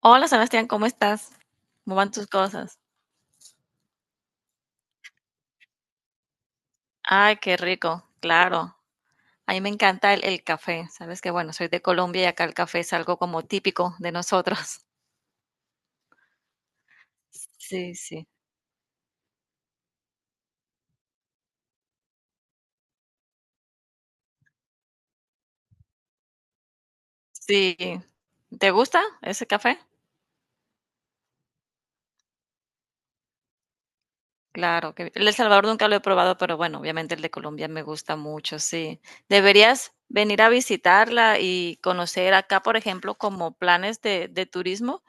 Hola Sebastián, ¿cómo estás? ¿Cómo van tus cosas? Ay, qué rico, claro. A mí me encanta el café. Sabes que, bueno, soy de Colombia y acá el café es algo como típico de nosotros. Sí, sí. Sí. ¿Te gusta ese café? Claro, que el de El Salvador nunca lo he probado, pero bueno, obviamente el de Colombia me gusta mucho, sí. Deberías venir a visitarla y conocer acá, por ejemplo, como planes de turismo.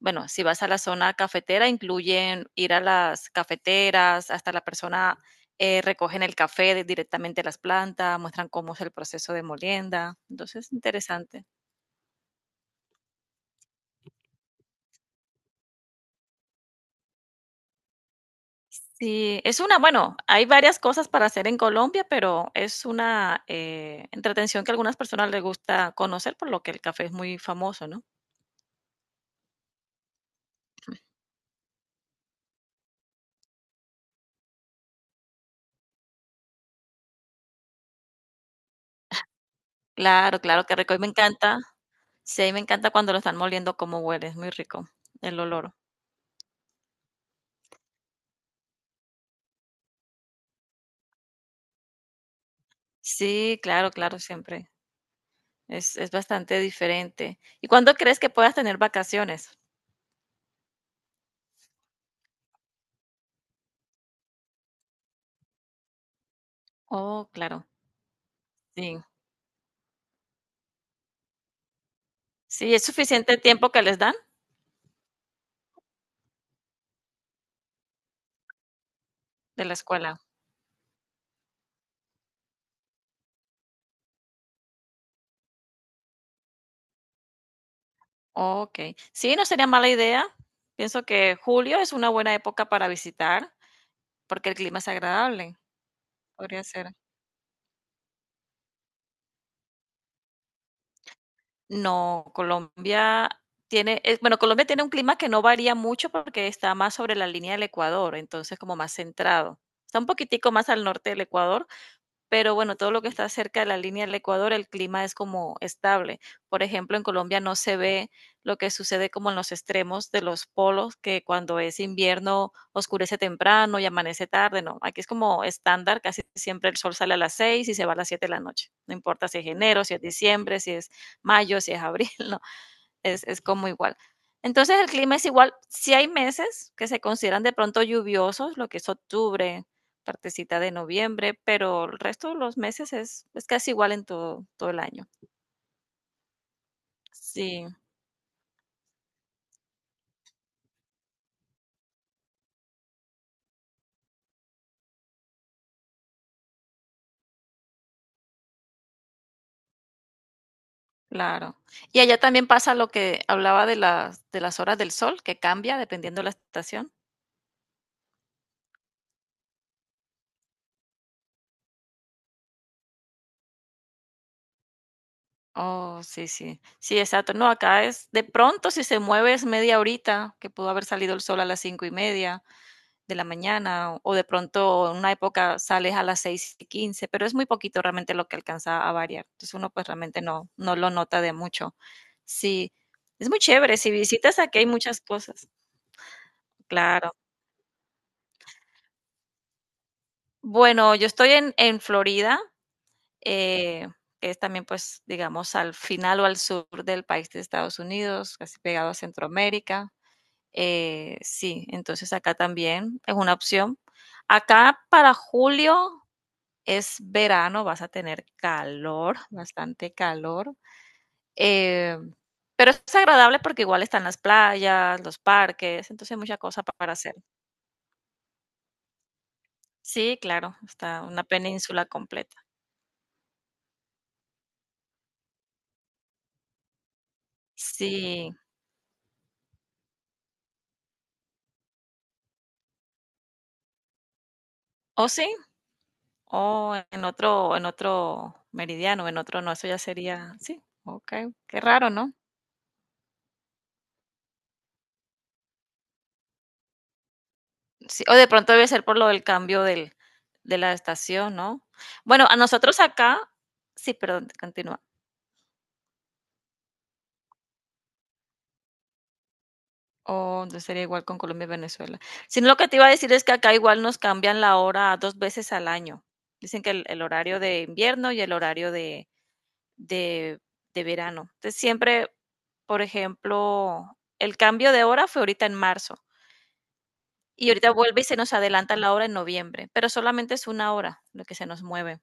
Bueno, si vas a la zona cafetera, incluyen ir a las cafeteras, hasta la persona recogen el café de- directamente de las plantas, muestran cómo es el proceso de molienda. Entonces, interesante. Sí, es una, bueno, hay varias cosas para hacer en Colombia, pero es una entretención que a algunas personas les gusta conocer, por lo que el café es muy famoso, ¿no? Claro, claro, que rico. Y me encanta, sí, y me encanta cuando lo están moliendo, cómo huele, es muy rico el olor. Sí, claro, claro, siempre. Es bastante diferente. ¿Y cuándo crees que puedas tener vacaciones? Oh, claro, sí. Sí, ¿es suficiente el tiempo que les dan de la escuela? Okey. Sí, no sería mala idea. Pienso que julio es una buena época para visitar, porque el clima es agradable. Podría ser. No, Colombia tiene, bueno, Colombia tiene un clima que no varía mucho porque está más sobre la línea del Ecuador, entonces como más centrado. Está un poquitico más al norte del Ecuador, pero bueno, todo lo que está cerca de la línea del Ecuador, el clima es como estable. Por ejemplo, en Colombia no se ve lo que sucede como en los extremos de los polos, que cuando es invierno oscurece temprano y amanece tarde, no. Aquí es como estándar, casi siempre el sol sale a las 6 y se va a las 7 de la noche. No importa si es enero, si es diciembre, si es mayo, si es abril, no es, es como igual. Entonces el clima es igual. Si hay meses que se consideran de pronto lluviosos, lo que es octubre, partecita de noviembre, pero el resto de los meses es casi igual en todo, todo el año. Sí, claro. Y allá también pasa lo que hablaba de las horas del sol, que cambia dependiendo de la estación. Oh, sí, sí. Sí, exacto. No, acá es de pronto si se mueve es media horita, que pudo haber salido el sol a las cinco y media de la mañana, o de pronto en una época sales a las 6 y 15, pero es muy poquito realmente lo que alcanza a variar. Entonces uno pues realmente no, no lo nota de mucho. Sí, es muy chévere. Si visitas aquí hay muchas cosas. Claro. Bueno, yo estoy en Florida, eh, que es también pues digamos al final o al sur del país de Estados Unidos, casi pegado a Centroamérica. Sí, entonces acá también es una opción. Acá para julio es verano, vas a tener calor, bastante calor, eh, pero es agradable porque igual están las playas, los parques, entonces hay mucha cosa pa- para hacer. Sí, claro, está una península completa. Sí, o sí, o en otro meridiano, en otro no, eso ya sería sí, okey, qué raro, ¿no? Sí, o de pronto debe ser por lo del cambio del de la estación, ¿no? Bueno, a nosotros acá sí, perdón, continúa. Oh, entonces sería igual con Colombia y Venezuela. Sino lo que te iba a decir es que acá igual nos cambian la hora dos veces al año. Dicen que el horario de invierno y el horario de, de verano. Entonces siempre, por ejemplo, el cambio de hora fue ahorita en marzo y ahorita vuelve y se nos adelanta la hora en noviembre, pero solamente es una hora lo que se nos mueve.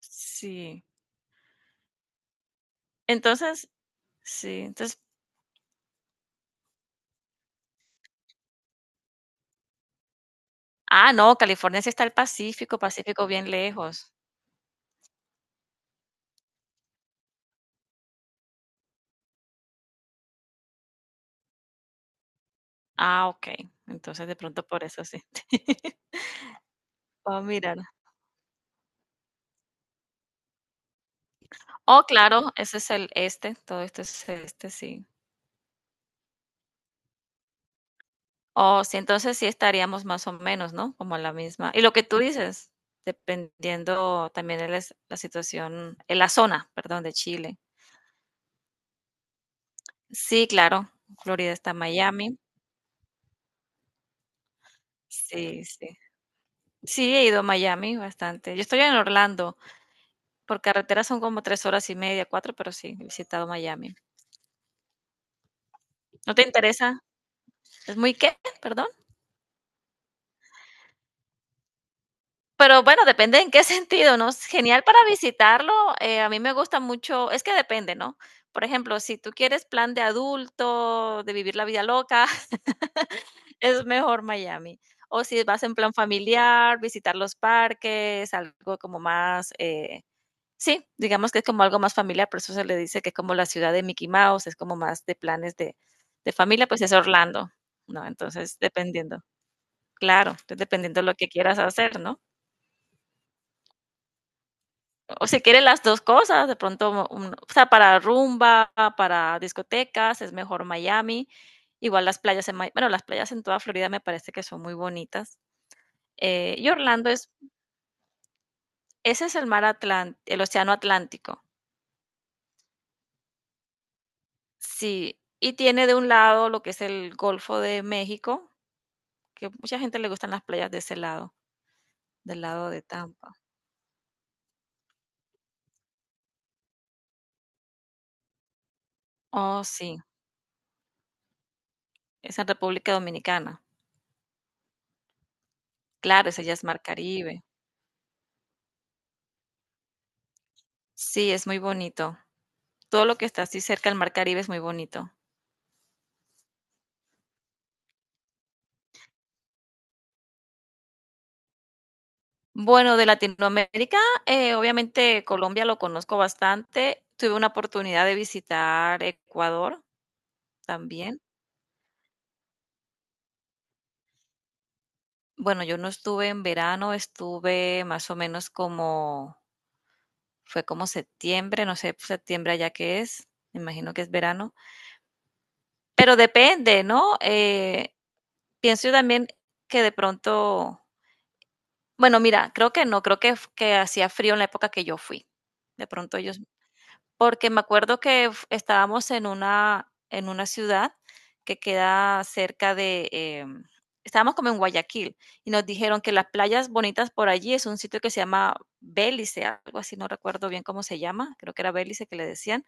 Sí. Entonces, sí. Entonces, ah, no, California sí está el Pacífico, Pacífico bien lejos. Ah, okey. Entonces, de pronto por eso sí. Voy mirar. Oh, claro, ese es el este, todo esto es este, sí. Oh, sí, entonces sí estaríamos más o menos, ¿no? Como la misma y lo que tú dices, dependiendo también el es la situación, en la zona, perdón, de Chile. Sí, claro, Florida está Miami. Sí, sí. Sí, he ido a Miami bastante. Yo estoy en Orlando, por carretera son como 3 horas y media, 4, pero sí, he visitado Miami. ¿No te interesa? ¿Es muy qué? Perdón. Pero bueno, depende en qué sentido, ¿no? Es genial para visitarlo, a mí me gusta mucho es que depende, ¿no? Por ejemplo, si tú quieres plan de adulto, de vivir la vida loca, es mejor Miami. O si vas en plan familiar, visitar los parques, algo como más, sí, digamos que es como algo más familiar, por eso se le dice que es como la ciudad de Mickey Mouse, es como más de planes de familia, pues es Orlando, ¿no? Entonces, dependiendo. Claro, entonces dependiendo de lo que quieras hacer, ¿no? O si quiere las dos cosas, de pronto, un- o sea, para rumba, para discotecas, es mejor Miami. Igual las playas en, Mi- bueno, las playas en toda Florida me parece que son muy bonitas. Y Orlando es, ese es el mar Atlántico, el océano Atlántico. Sí, y tiene de un lado lo que es el Golfo de México, que mucha gente le gustan las playas de ese lado, del lado de Tampa. Oh, sí, es en República Dominicana. Claro, ese ya es Mar Caribe. Sí, es muy bonito. Todo lo que está así cerca del mar Caribe es muy bonito. Bueno, de Latinoamérica, obviamente Colombia lo conozco bastante. Tuve una oportunidad de visitar Ecuador también. Bueno, yo no estuve en verano, estuve más o menos como, fue como septiembre, no sé, septiembre allá que es, me imagino que es verano, pero depende, ¿no? Pienso yo también que de pronto, bueno, mira, creo que no, creo que, f- que hacía frío en la época que yo fui. De pronto ellos porque me acuerdo que f- estábamos en una ciudad que queda cerca de, estábamos como en Guayaquil y nos dijeron que las playas bonitas por allí es un sitio que se llama Bélice, algo así, no recuerdo bien cómo se llama, creo que era Bélice que le decían,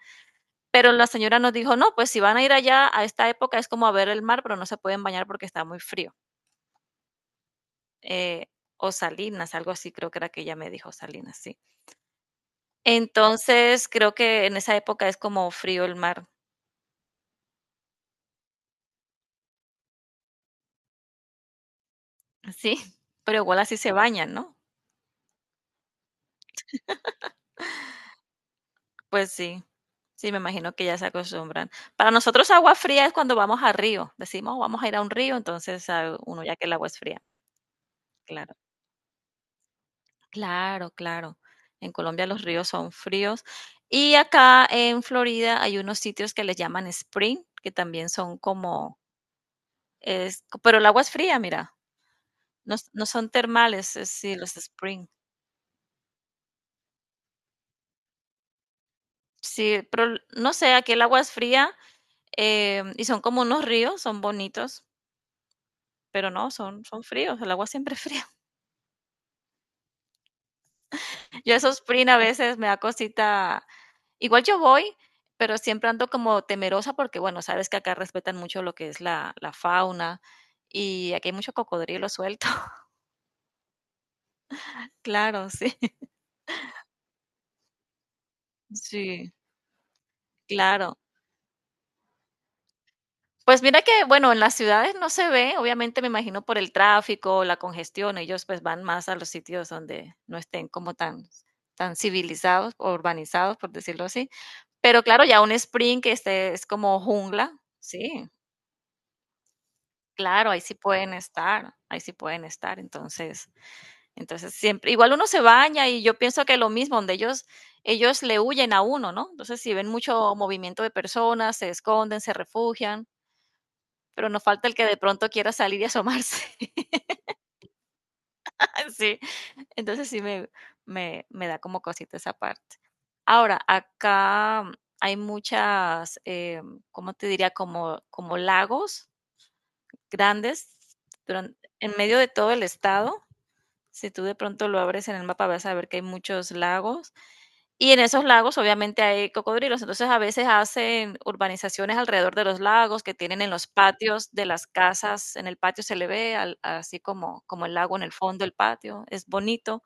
pero la señora nos dijo, no, pues si van a ir allá a esta época es como a ver el mar, pero no se pueden bañar porque está muy frío. Eh, o Salinas, algo así, creo que era que ella me dijo Salinas, sí. Entonces, creo que en esa época es como frío el mar. Sí, pero igual así se bañan, ¿no? Pues sí. Sí, me imagino que ya se acostumbran. Para nosotros agua fría es cuando vamos a río. Decimos, vamos a ir a un río, entonces ah, uno ya que el agua es fría. Claro, claro, claro. En Colombia los ríos son fríos. Y acá en Florida hay unos sitios que les llaman spring, que también son como, es, pero el agua es fría, mira. No, s- no son termales, es- sí, los spring. Sí, pero l- no sé, aquí el agua es fría. Y son como unos ríos, son bonitos, pero no, son, son fríos, el agua siempre es fría. Yo esos spring a veces me da cosita. Igual yo voy, pero siempre ando como temerosa porque, bueno, sabes que acá respetan mucho lo que es la fauna y aquí hay mucho cocodrilo suelto. Claro, sí, sí, claro. Pues mira que, bueno, en las ciudades no se ve, obviamente me imagino por el tráfico, la congestión, ellos pues van más a los sitios donde no estén como tan, tan civilizados o urbanizados, por decirlo así. Pero claro, ya un sprint que este es como jungla, sí, claro, ahí sí pueden estar, ahí sí pueden estar. Entonces, entonces siempre, igual uno se baña y yo pienso que lo mismo, donde ellos le huyen a uno, ¿no? Entonces, si ven mucho movimiento de personas, se esconden, se refugian. Pero nos falta el que de pronto quiera salir y asomarse. Sí, entonces sí me da como cosita esa parte. Ahora, acá hay muchas, ¿cómo te diría? Como, como lagos grandes durante, en medio de todo el estado. Si tú de pronto lo abres en el mapa, vas a ver que hay muchos lagos. Y en esos lagos, obviamente, hay cocodrilos. Entonces, a veces hacen urbanizaciones alrededor de los lagos que tienen en los patios de las casas. En el patio se le ve al- así como, como el lago en el fondo del patio. Es bonito.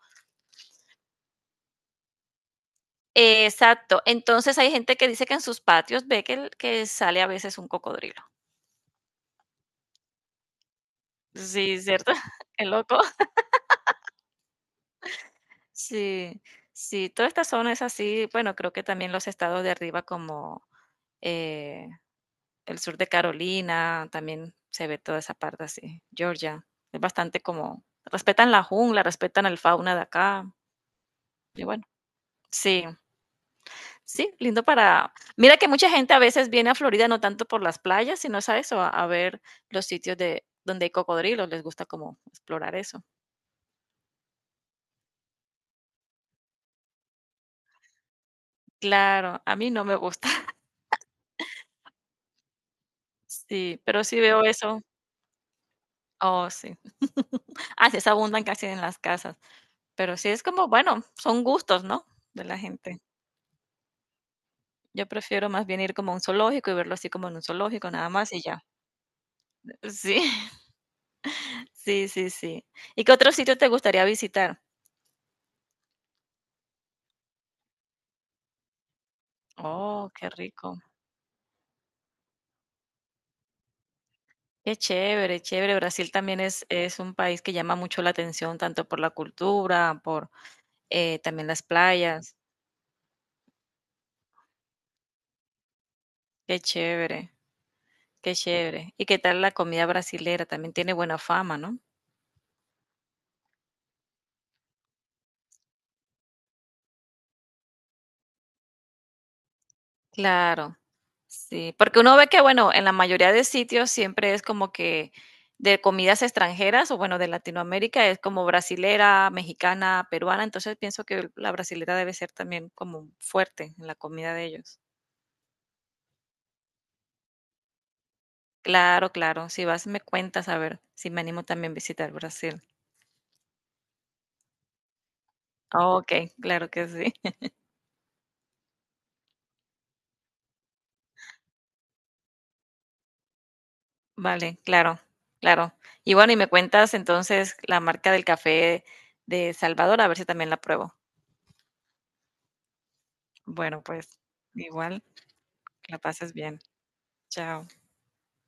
Exacto. Entonces, hay gente que dice que en sus patios ve que, el- que sale a veces un cocodrilo. Sí, ¿cierto? Qué loco. Sí, sí. Toda esta zona es así. Bueno, creo que también los estados de arriba como el sur de Carolina, también se ve toda esa parte así. Georgia, es bastante como, respetan la jungla, respetan el fauna de acá. Y bueno, sí, sí, lindo para... Mira que mucha gente a veces viene a Florida no tanto por las playas, sino sabes a a ver los sitios de donde hay cocodrilos, les gusta como explorar eso. Claro, a mí no me gusta. Sí, pero sí veo eso. Oh, sí. Ah, sí, se abundan casi en las casas. Pero sí es como, bueno, son gustos, ¿no? De la gente. Yo prefiero más bien ir como a un zoológico y verlo así como en un zoológico, nada más y ya. Sí, sí, sí, sí. ¿Y qué otro sitio te gustaría visitar? Oh, qué rico. Qué chévere, chévere. Brasil también es un país que llama mucho la atención, tanto por la cultura, por también las playas. Qué chévere, qué chévere. ¿Y qué tal la comida brasilera? También tiene buena fama, ¿no? Claro. Sí, porque uno ve que, bueno, en la mayoría de sitios siempre es como que de comidas extranjeras o bueno, de Latinoamérica es como brasilera, mexicana, peruana, entonces pienso que la brasilera debe ser también como fuerte en la comida de ellos. Claro, claro, si vas me cuentas a ver si me animo también a visitar Brasil. Oh, ok, claro que sí. Vale, claro, claro. Y bueno, y me cuentas entonces la marca del café de Salvador, a ver si también la pruebo. Bueno, pues igual, que la pases bien. Chao.